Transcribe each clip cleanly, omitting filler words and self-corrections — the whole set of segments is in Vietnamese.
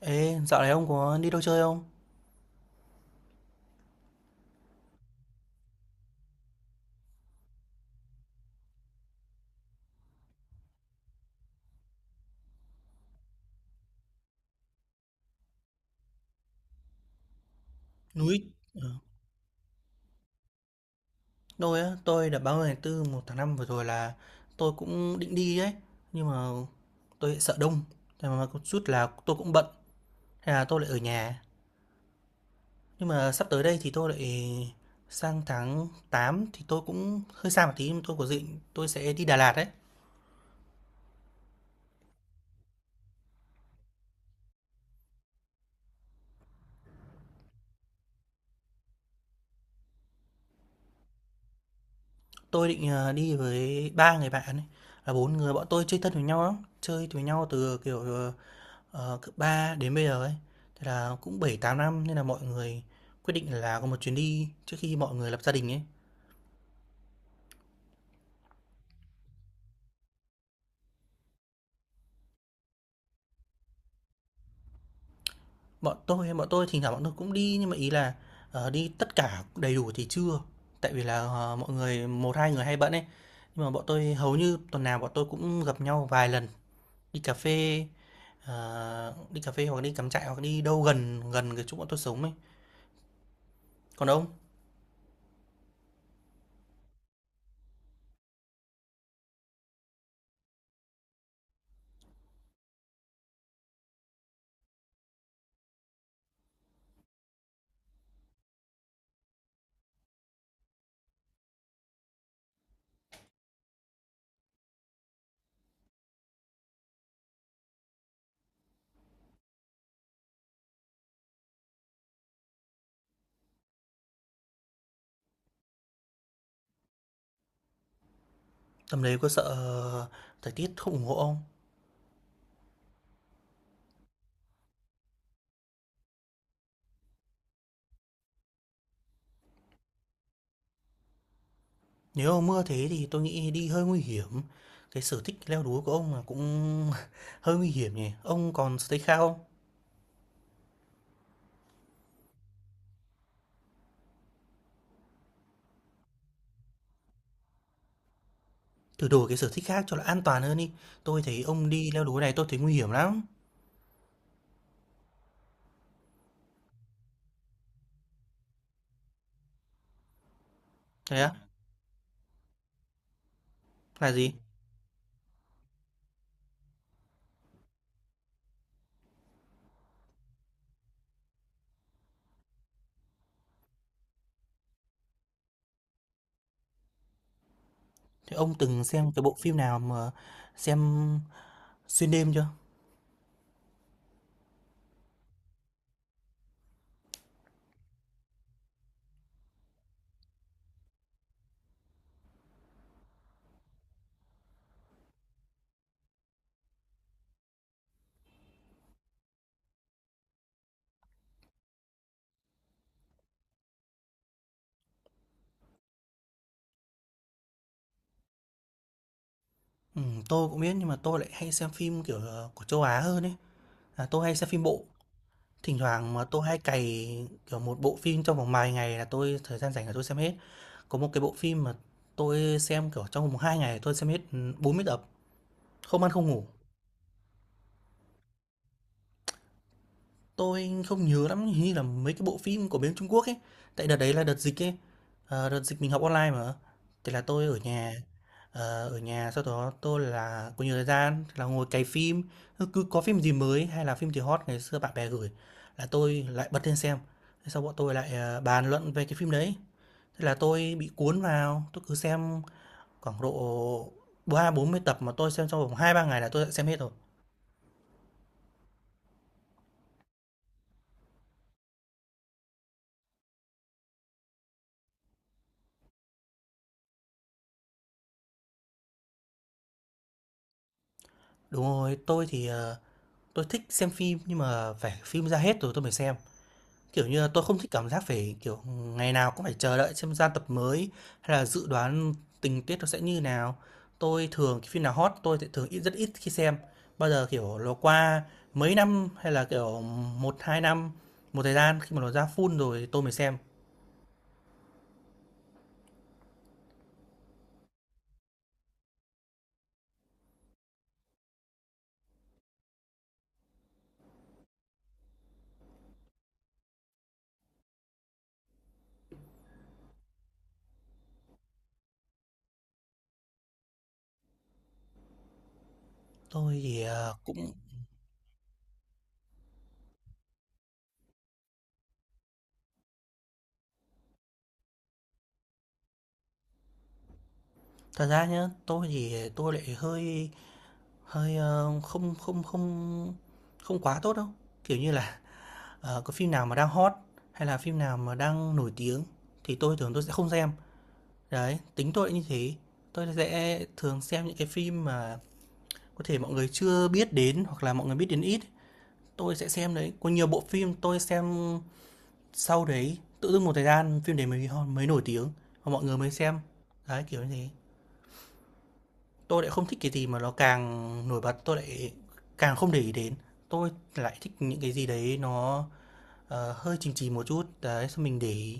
Ê, dạo này ông có đi đâu chơi không? Núi. Ờ, Tôi á, tôi đợt 30 tháng tư một tháng 5 vừa rồi là tôi cũng định đi ấy. Nhưng mà tôi lại sợ đông. Thế mà có chút là tôi cũng bận. Thế là tôi lại ở nhà. Nhưng mà sắp tới đây thì tôi lại sang tháng 8 thì tôi cũng hơi xa một tí. Nhưng tôi có định tôi sẽ đi Đà Lạt ấy. Tôi định đi với ba người bạn ấy. Là bốn người bọn tôi chơi thân với nhau lắm. Chơi với nhau từ kiểu cấp 3 đến bây giờ ấy, thì là cũng bảy tám năm nên là mọi người quyết định là có một chuyến đi trước khi mọi người lập gia đình ấy. Bọn tôi thỉnh thoảng bọn tôi cũng đi nhưng mà ý là, đi tất cả đầy đủ thì chưa, tại vì là, mọi người một hai người hay bận ấy. Nhưng mà bọn tôi hầu như tuần nào bọn tôi cũng gặp nhau vài lần, đi cà phê, đi cà phê hoặc đi cắm trại hoặc đi đâu gần gần cái chỗ bọn tôi sống ấy. Còn ông, tầm đấy có sợ thời tiết không ủng hộ không? Nếu mà mưa thế thì tôi nghĩ đi hơi nguy hiểm. Cái sở thích leo núi của ông là cũng hơi nguy hiểm nhỉ. Ông còn sở thích khác không? Thử đổi cái sở thích khác cho nó an toàn hơn đi. Tôi thấy ông đi leo núi này tôi thấy nguy hiểm lắm. Thế á? Là gì? Thế ông từng xem cái bộ phim nào mà xem xuyên đêm chưa? Ừ, tôi cũng biết nhưng mà tôi lại hay xem phim kiểu của châu Á hơn ấy. À, tôi hay xem phim bộ. Thỉnh thoảng mà tôi hay cày, kiểu, một bộ phim trong vòng vài ngày là tôi thời gian rảnh là tôi xem hết. Có một cái bộ phim mà tôi xem, kiểu, trong vòng 2 ngày tôi xem hết, ừ, 40 tập, không ăn không ngủ. Tôi không nhớ lắm, hình như là mấy cái bộ phim của bên Trung Quốc ấy. Tại đợt đấy là đợt dịch ấy. Đợt dịch mình học online mà. Thì là tôi ở nhà. Ở nhà sau đó tôi là có nhiều thời gian thì là ngồi cày phim. Cứ có phim gì mới hay là phim gì hot ngày xưa bạn bè gửi là tôi lại bật lên xem. Thế sau bọn tôi lại bàn luận về cái phim đấy. Thế là tôi bị cuốn vào, tôi cứ xem khoảng độ ba bốn mươi tập mà tôi xem trong vòng 2-3 ngày là tôi đã xem hết rồi. Đúng rồi, tôi thích xem phim nhưng mà phải phim ra hết rồi tôi mới xem. Kiểu như là tôi không thích cảm giác phải kiểu ngày nào cũng phải chờ đợi xem ra tập mới hay là dự đoán tình tiết nó sẽ như nào. Tôi thường cái phim nào hot tôi sẽ thường ít rất ít khi xem. Bao giờ kiểu nó qua mấy năm hay là kiểu một hai năm một thời gian khi mà nó ra full rồi tôi mới xem. Tôi thì ờ, cũng Thật ra nhá, tôi thì tôi lại hơi hơi, không không không không quá tốt đâu. Kiểu như là, có phim nào mà đang hot hay là phim nào mà đang nổi tiếng thì tôi thường tôi sẽ không xem. Đấy, tính tôi như thế. Tôi sẽ thường xem những cái phim mà có thể mọi người chưa biết đến hoặc là mọi người biết đến ít, tôi sẽ xem đấy. Có nhiều bộ phim tôi xem sau đấy, tự dưng một thời gian phim đấy mới nổi tiếng và mọi người mới xem. Đấy, kiểu như thế. Tôi lại không thích cái gì mà nó càng nổi bật, tôi lại càng không để ý đến. Tôi lại thích những cái gì đấy nó, hơi chìm chìm một chút, đấy, xong mình để ý.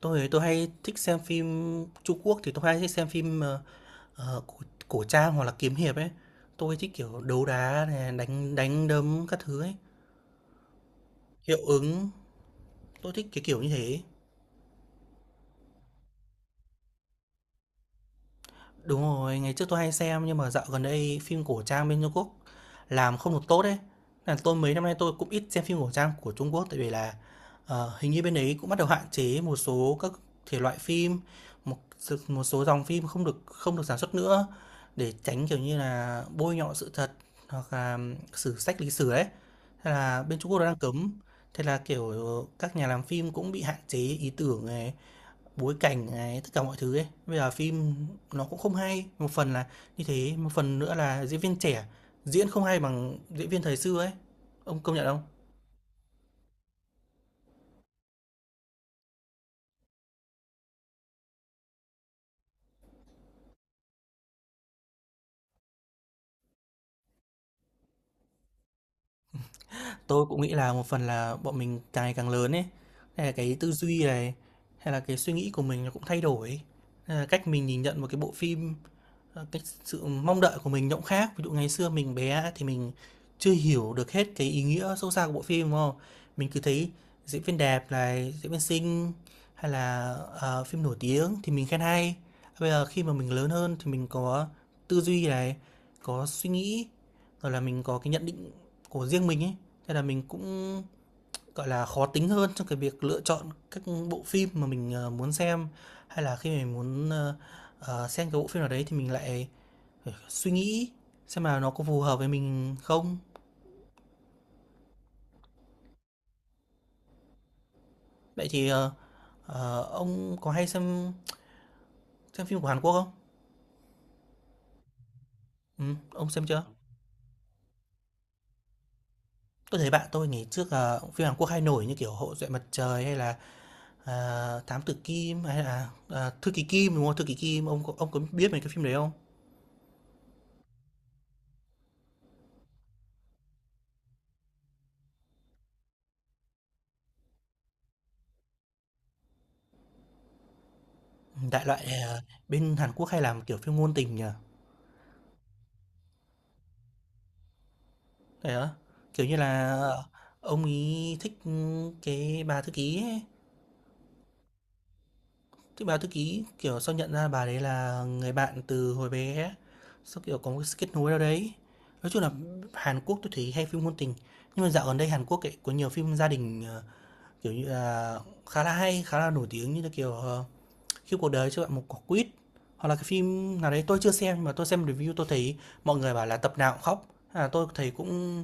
Tôi hay thích xem phim Trung Quốc thì tôi hay thích xem phim, cổ cổ trang hoặc là kiếm hiệp ấy. Tôi thích kiểu đấu đá này, đánh đánh đấm các thứ ấy, hiệu ứng, tôi thích cái kiểu như thế. Đúng rồi, ngày trước tôi hay xem nhưng mà dạo gần đây phim cổ trang bên Trung Quốc làm không được tốt đấy là tôi mấy năm nay tôi cũng ít xem phim cổ trang của Trung Quốc tại vì là hình như bên đấy cũng bắt đầu hạn chế một số các thể loại phim, một số dòng phim không được sản xuất nữa để tránh kiểu như là bôi nhọ sự thật hoặc là sử sách lịch sử đấy. Thế là bên Trung Quốc nó đang cấm. Thế là kiểu các nhà làm phim cũng bị hạn chế ý tưởng này, bối cảnh này, tất cả mọi thứ ấy. Bây giờ phim nó cũng không hay, một phần là như thế, một phần nữa là diễn viên trẻ diễn không hay bằng diễn viên thời xưa ấy. Ông công nhận không? Tôi cũng nghĩ là một phần là bọn mình càng ngày càng lớn ấy, hay là cái tư duy này, hay là cái suy nghĩ của mình nó cũng thay đổi ấy. Nên là cách mình nhìn nhận một cái bộ phim. Cái sự mong đợi của mình nó cũng khác. Ví dụ ngày xưa mình bé thì mình chưa hiểu được hết cái ý nghĩa sâu xa của bộ phim, đúng không? Mình cứ thấy diễn viên đẹp này, diễn viên xinh hay là, phim nổi tiếng thì mình khen hay. Bây giờ khi mà mình lớn hơn thì mình có tư duy này, có suy nghĩ, rồi là mình có cái nhận định của riêng mình ấy, thế là mình cũng gọi là, khó tính hơn trong cái việc lựa chọn các bộ phim mà mình, muốn xem, hay là khi mình muốn, xem cái bộ phim nào đấy thì mình lại phải suy nghĩ xem là nó có phù hợp với mình không. Vậy thì, ông có hay xem phim của Hàn Quốc không? Ông xem chưa? Tôi thấy bạn tôi ngày trước là phim Hàn Quốc hay nổi như kiểu Hậu duệ mặt trời hay là, à, Thám tử Kim hay là, à, Thư ký Kim, đúng không? Thư ký Kim, ông có biết mấy cái phim đấy không? Đại loại, bên Hàn Quốc hay làm, kiểu, phim ngôn tình nhỉ? Thế á? Kiểu như là, ông ấy thích, ừ, cái bà thư ký ấy, thích bà thư ký, kiểu, sau nhận ra bà đấy là người bạn từ hồi bé, sau kiểu, có một cái sự kết nối nào đấy. Nói chung là Hàn Quốc tôi thấy hay phim ngôn tình, nhưng mà dạo gần đây Hàn Quốc ấy có nhiều phim gia đình, kiểu như là, khá là hay, khá là nổi tiếng như là, kiểu, khi cuộc đời cho bạn một quả quýt hoặc là cái phim nào đấy tôi chưa xem nhưng mà tôi xem review tôi thấy mọi người bảo là tập nào cũng khóc. À tôi thấy cũng,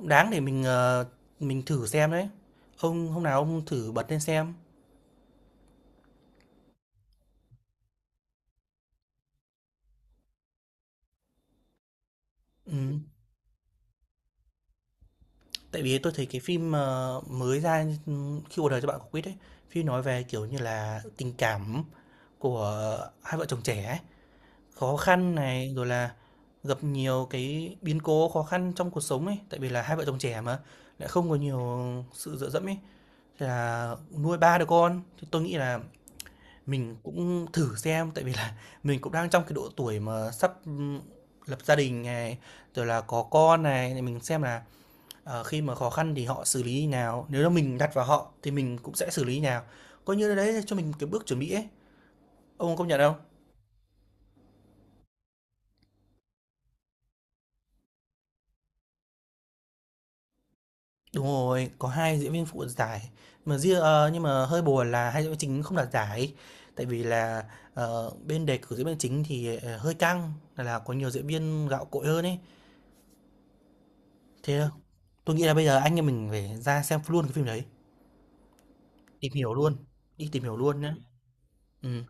đáng để mình mình thử xem đấy. Ông hôm nào ông thử bật lên xem. Ừ. Tại vì tôi thấy cái phim mới ra ừ, khi cuộc đời cho bạn quả quýt ấy phim nói về kiểu như là tình cảm của hai vợ chồng trẻ ấy. Khó khăn này, rồi là gặp nhiều cái biến cố khó khăn trong cuộc sống ấy, tại vì là hai vợ chồng trẻ mà, lại không có nhiều sự dựa dẫm ấy, thế là nuôi 3 đứa con. Thì tôi nghĩ là mình cũng thử xem, tại vì là mình cũng đang trong cái độ tuổi mà sắp, lập gia đình này, rồi là có con này, thì mình xem là, khi mà khó khăn thì họ xử lý như nào, nếu là mình đặt vào họ thì mình cũng sẽ xử lý như nào. Coi như là đấy cho mình cái bước chuẩn bị ấy, ông công nhận không? Đúng rồi, có 2 diễn viên phụ đoạt giải. Nhưng mà hơi buồn là hai diễn viên chính không đoạt giải. Tại vì là bên đề cử diễn viên chính thì hơi căng, là có nhiều diễn viên gạo cội hơn ấy. Thế tôi nghĩ là bây giờ anh em mình phải ra xem luôn cái phim đấy, tìm hiểu luôn, đi tìm hiểu luôn nhá. Ừ.